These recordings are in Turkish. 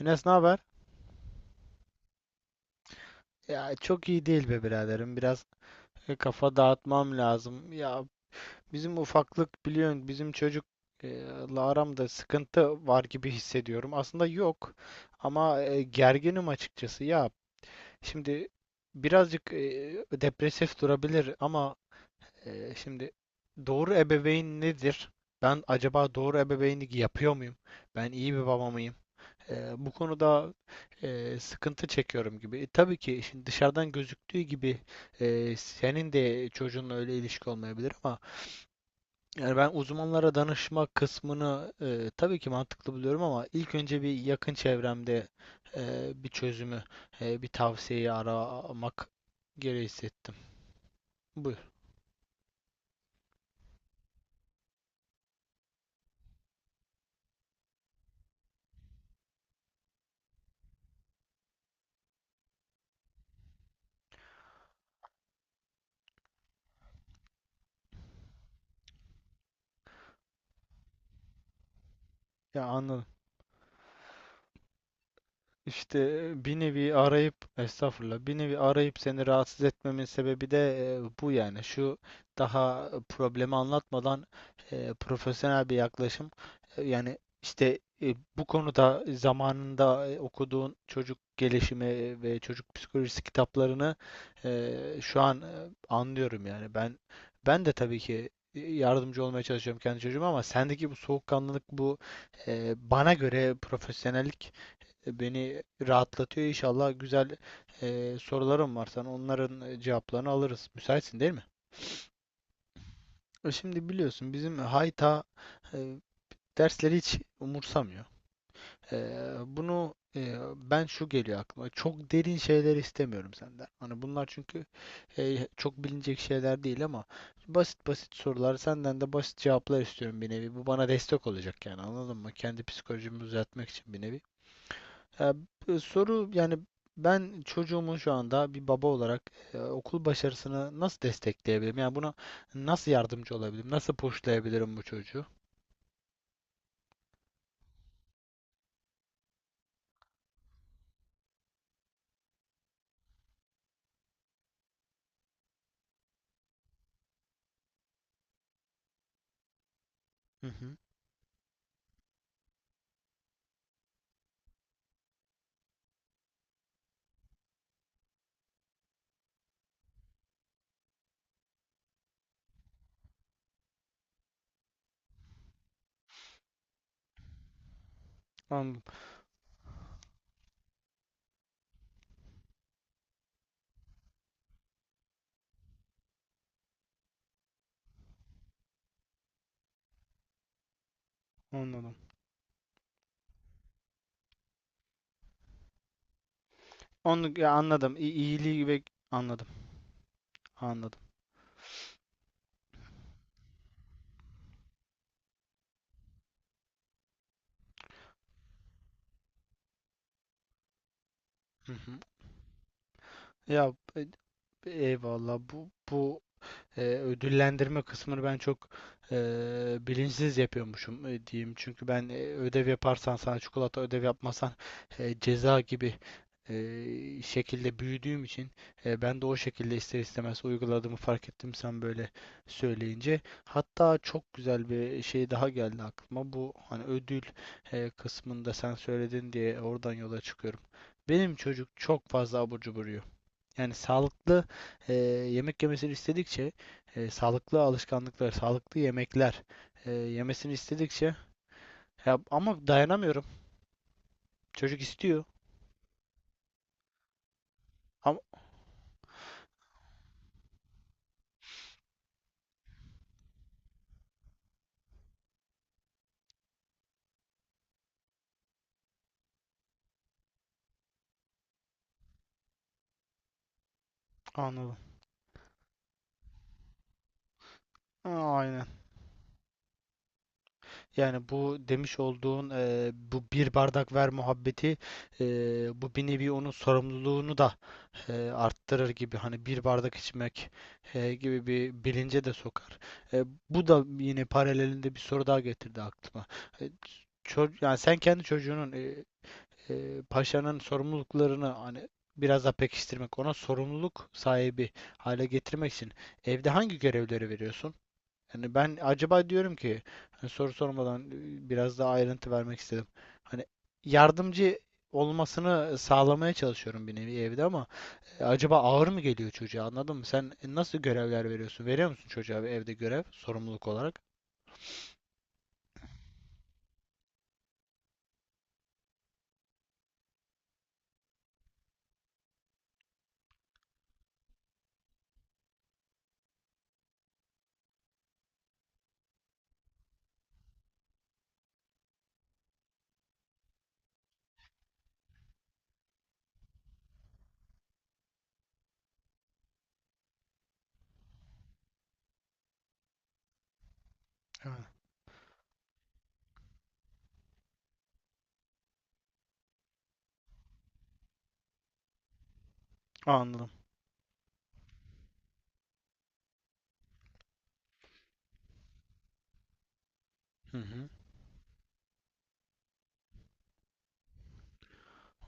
Enes ne haber? Ya çok iyi değil be biraderim. Biraz kafa dağıtmam lazım. Ya bizim ufaklık biliyorsun bizim çocuk la aramda sıkıntı var gibi hissediyorum. Aslında yok ama gerginim açıkçası. Ya şimdi birazcık depresif durabilir ama şimdi doğru ebeveyn nedir? Ben acaba doğru ebeveynlik yapıyor muyum? Ben iyi bir baba mıyım? Bu konuda sıkıntı çekiyorum gibi. Tabii ki şimdi dışarıdan gözüktüğü gibi senin de çocuğunla öyle ilişki olmayabilir ama yani ben uzmanlara danışma kısmını tabii ki mantıklı buluyorum ama ilk önce bir yakın çevremde bir çözümü, bir tavsiyeyi aramak gereği hissettim. Buyur. Ya anladım. İşte bir nevi arayıp estağfurullah bir nevi arayıp seni rahatsız etmemin sebebi de bu, yani şu daha problemi anlatmadan profesyonel bir yaklaşım. Yani işte bu konuda zamanında okuduğun çocuk gelişimi ve çocuk psikolojisi kitaplarını şu an, anlıyorum yani ben ben de tabii ki yardımcı olmaya çalışıyorum kendi çocuğuma ama sendeki bu soğukkanlılık, bu bana göre profesyonellik beni rahatlatıyor. İnşallah güzel sorularım var sana. Onların cevaplarını alırız. Müsaitsin değil mi? Şimdi biliyorsun bizim hayta e, dersleri hiç umursamıyor. E, Bunu ben, şu geliyor aklıma. Çok derin şeyler istemiyorum senden. Hani bunlar çünkü çok bilinecek şeyler değil ama basit basit sorular, senden de basit cevaplar istiyorum bir nevi. Bu bana destek olacak yani, anladın mı? Kendi psikolojimi düzeltmek için bir nevi. Ee, Soru yani, ben çocuğumun şu anda bir baba olarak okul başarısını nasıl destekleyebilirim? Yani buna nasıl yardımcı olabilirim? Nasıl pushlayabilirim bu çocuğu? Hı hı. Anladım. Anladım. Onu, ya anladım. İyiliği ve anladım. Anladım. Hı hı. Ya eyvallah, bu ödüllendirme kısmını ben çok e, bilinçsiz yapıyormuşum diyeyim. Çünkü ben ödev yaparsan sana çikolata, ödev yapmasan ceza gibi şekilde büyüdüğüm için ben de o şekilde ister istemez uyguladığımı fark ettim sen böyle söyleyince. Hatta çok güzel bir şey daha geldi aklıma. Bu, hani ödül kısmında sen söyledin diye oradan yola çıkıyorum. Benim çocuk çok fazla abur cubur yiyor. Yani sağlıklı e, yemek yemesini istedikçe, sağlıklı alışkanlıklar, sağlıklı yemekler yemesini istedikçe, ya ama dayanamıyorum. Çocuk istiyor. Ama anladım. Aa, aynen. Yani bu demiş olduğun bu bir bardak ver muhabbeti, e, bu bir nevi onun sorumluluğunu da arttırır gibi, hani bir bardak içmek gibi bir bilince de sokar. E, Bu da yine paralelinde bir soru daha getirdi aklıma. E, Yani sen kendi çocuğunun paşanın sorumluluklarını hani biraz daha pekiştirmek, ona sorumluluk sahibi hale getirmek için evde hangi görevleri veriyorsun? Yani ben acaba diyorum ki, hani soru sormadan biraz daha ayrıntı vermek istedim. Hani yardımcı olmasını sağlamaya çalışıyorum bir nevi evde ama acaba ağır mı geliyor çocuğa, anladın mı? Sen nasıl görevler veriyorsun? Veriyor musun çocuğa, bir evde görev sorumluluk olarak? Ha, anladım. Hı hı.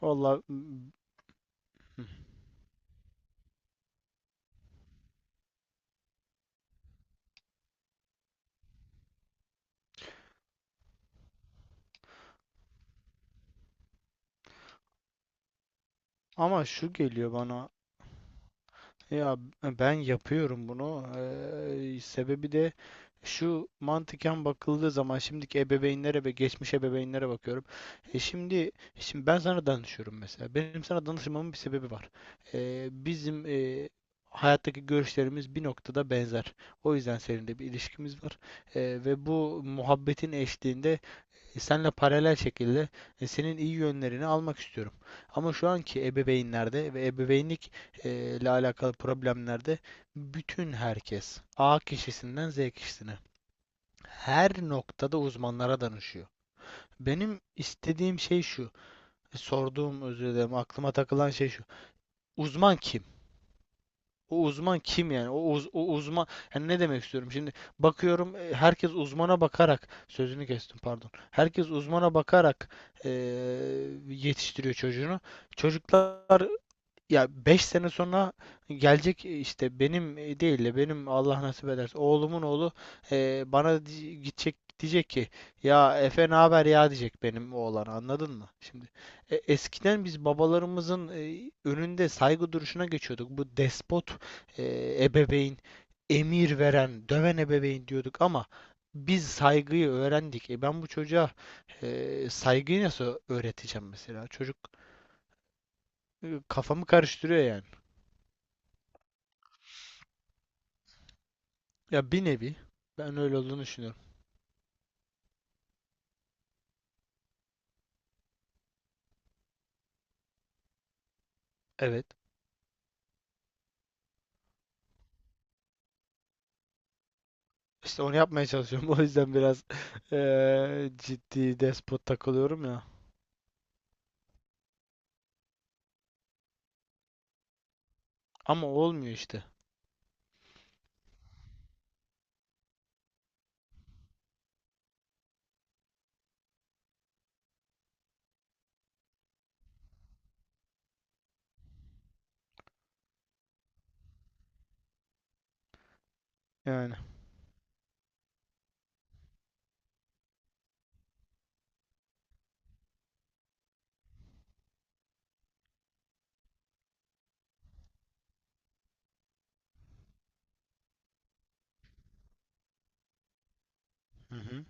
Valla, ama şu geliyor bana. Ya ben yapıyorum bunu. Sebebi de şu, mantıken bakıldığı zaman şimdiki ebeveynlere ve geçmiş ebeveynlere bakıyorum. E, şimdi ben sana danışıyorum mesela. Benim sana danışmamın bir sebebi var. Bizim hayattaki görüşlerimiz bir noktada benzer. O yüzden seninle bir ilişkimiz var. Ve bu muhabbetin eşliğinde senle paralel şekilde senin iyi yönlerini almak istiyorum. Ama şu anki ebeveynlerde ve ebeveynlik ile alakalı problemlerde bütün herkes A kişisinden Z kişisine her noktada uzmanlara danışıyor. Benim istediğim şey şu, e, sorduğum özür dilerim, aklıma takılan şey şu. Uzman kim? O uzman kim yani? O uzman yani, ne demek istiyorum? Şimdi bakıyorum herkes uzmana bakarak, sözünü kestim pardon. Herkes uzmana bakarak e, yetiştiriyor çocuğunu. Çocuklar ya 5 sene sonra gelecek, değil de benim, Allah nasip ederse oğlumun oğlu gidecek, diyecek ki ya Efe ne haber ya, diyecek benim oğlan, anladın mı? Şimdi eskiden biz babalarımızın önünde saygı duruşuna geçiyorduk. Bu despot ebeveyn, emir veren döven ebeveyn diyorduk ama biz saygıyı öğrendik. E, ben bu çocuğa saygıyı nasıl öğreteceğim mesela? Çocuk kafamı karıştırıyor yani. Ya bir nevi. Ben öyle olduğunu düşünüyorum. Evet. İşte onu yapmaya çalışıyorum. O yüzden biraz ciddi despot takılıyorum ya. Ama olmuyor işte. Yani. Hı hı.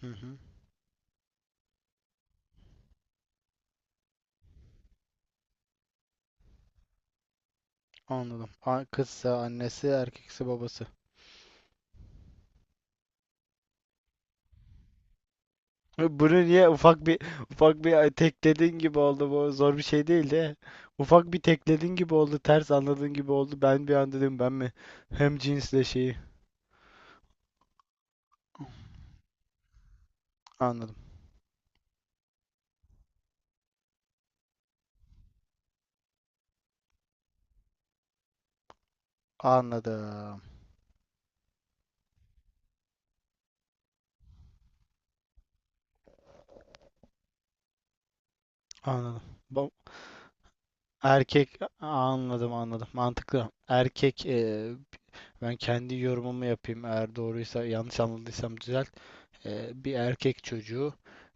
Hı hı. Anladım. Kızsa annesi, erkekse babası. Bunu niye ufak bir tekledin gibi oldu, bu zor bir şey değil de ufak bir tekledin gibi oldu, ters anladığın gibi oldu, ben bir an dedim ben mi hem cinsle şeyi, anladım. Anladım anladım. Ba- Erkek, anladım. Anladım. Mantıklı. Erkek ben kendi yorumumu yapayım. Eğer doğruysa, yanlış anladıysam düzelt. Bir erkek çocuğu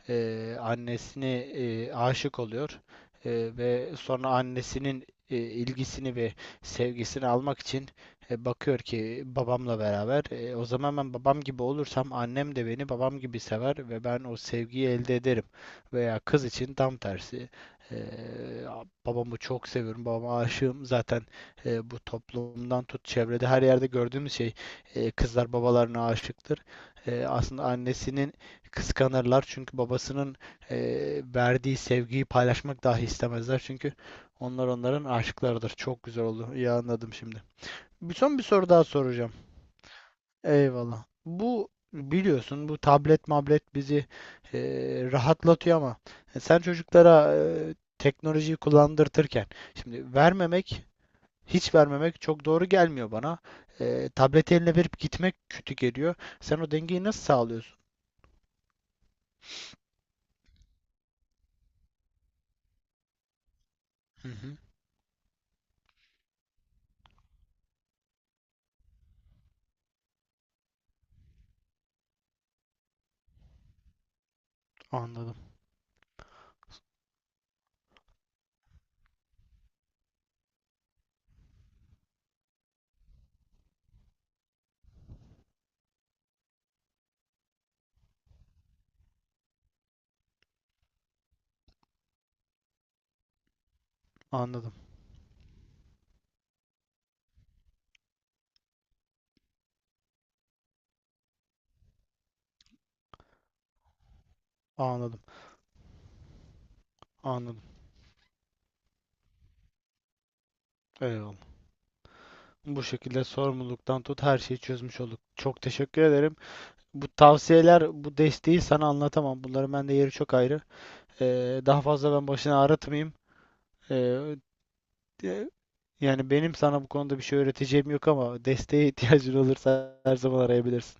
annesine aşık oluyor. Ve sonra annesinin ilgisini ve sevgisini almak için bakıyor ki babamla beraber, o zaman ben babam gibi olursam annem de beni babam gibi sever ve ben o sevgiyi elde ederim. Veya kız için tam tersi. Eee, Babamı çok seviyorum, babama aşığım zaten, bu toplumdan tut çevrede her yerde gördüğümüz şey, kızlar babalarına aşıktır. Aslında annesinin kıskanırlar, çünkü babasının e, verdiği sevgiyi paylaşmak dahi istemezler çünkü onlar onların aşıklarıdır. Çok güzel oldu. İyi anladım şimdi. Bir son bir soru daha soracağım. Eyvallah. Bu biliyorsun bu tablet mablet bizi e, rahatlatıyor ama sen çocuklara teknolojiyi kullandırtırken, şimdi vermemek, hiç vermemek çok doğru gelmiyor bana. Tableti eline verip gitmek kötü geliyor. Sen o dengeyi nasıl sağlıyorsun? Hı hı, anladım, anladım, anladım, anladım. Eyvallah. Bu şekilde sorumluluktan tut her şeyi çözmüş olduk. Çok teşekkür ederim. Bu tavsiyeler, bu desteği sana anlatamam. Bunların bende yeri çok ayrı. Daha fazla ben başını ağrıtmayayım. Ee, de- Yani benim sana bu konuda bir şey öğreteceğim yok ama desteğe ihtiyacın olursa her zaman arayabilirsin.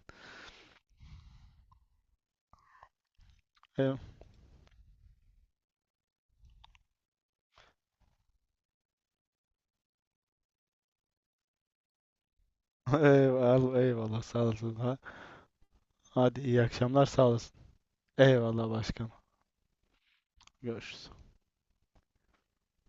Eyvallah, eyvallah, eyvallah, sağ olasın. Ha. Hadi iyi akşamlar, sağ olasın. Eyvallah başkanım. Görüşürüz.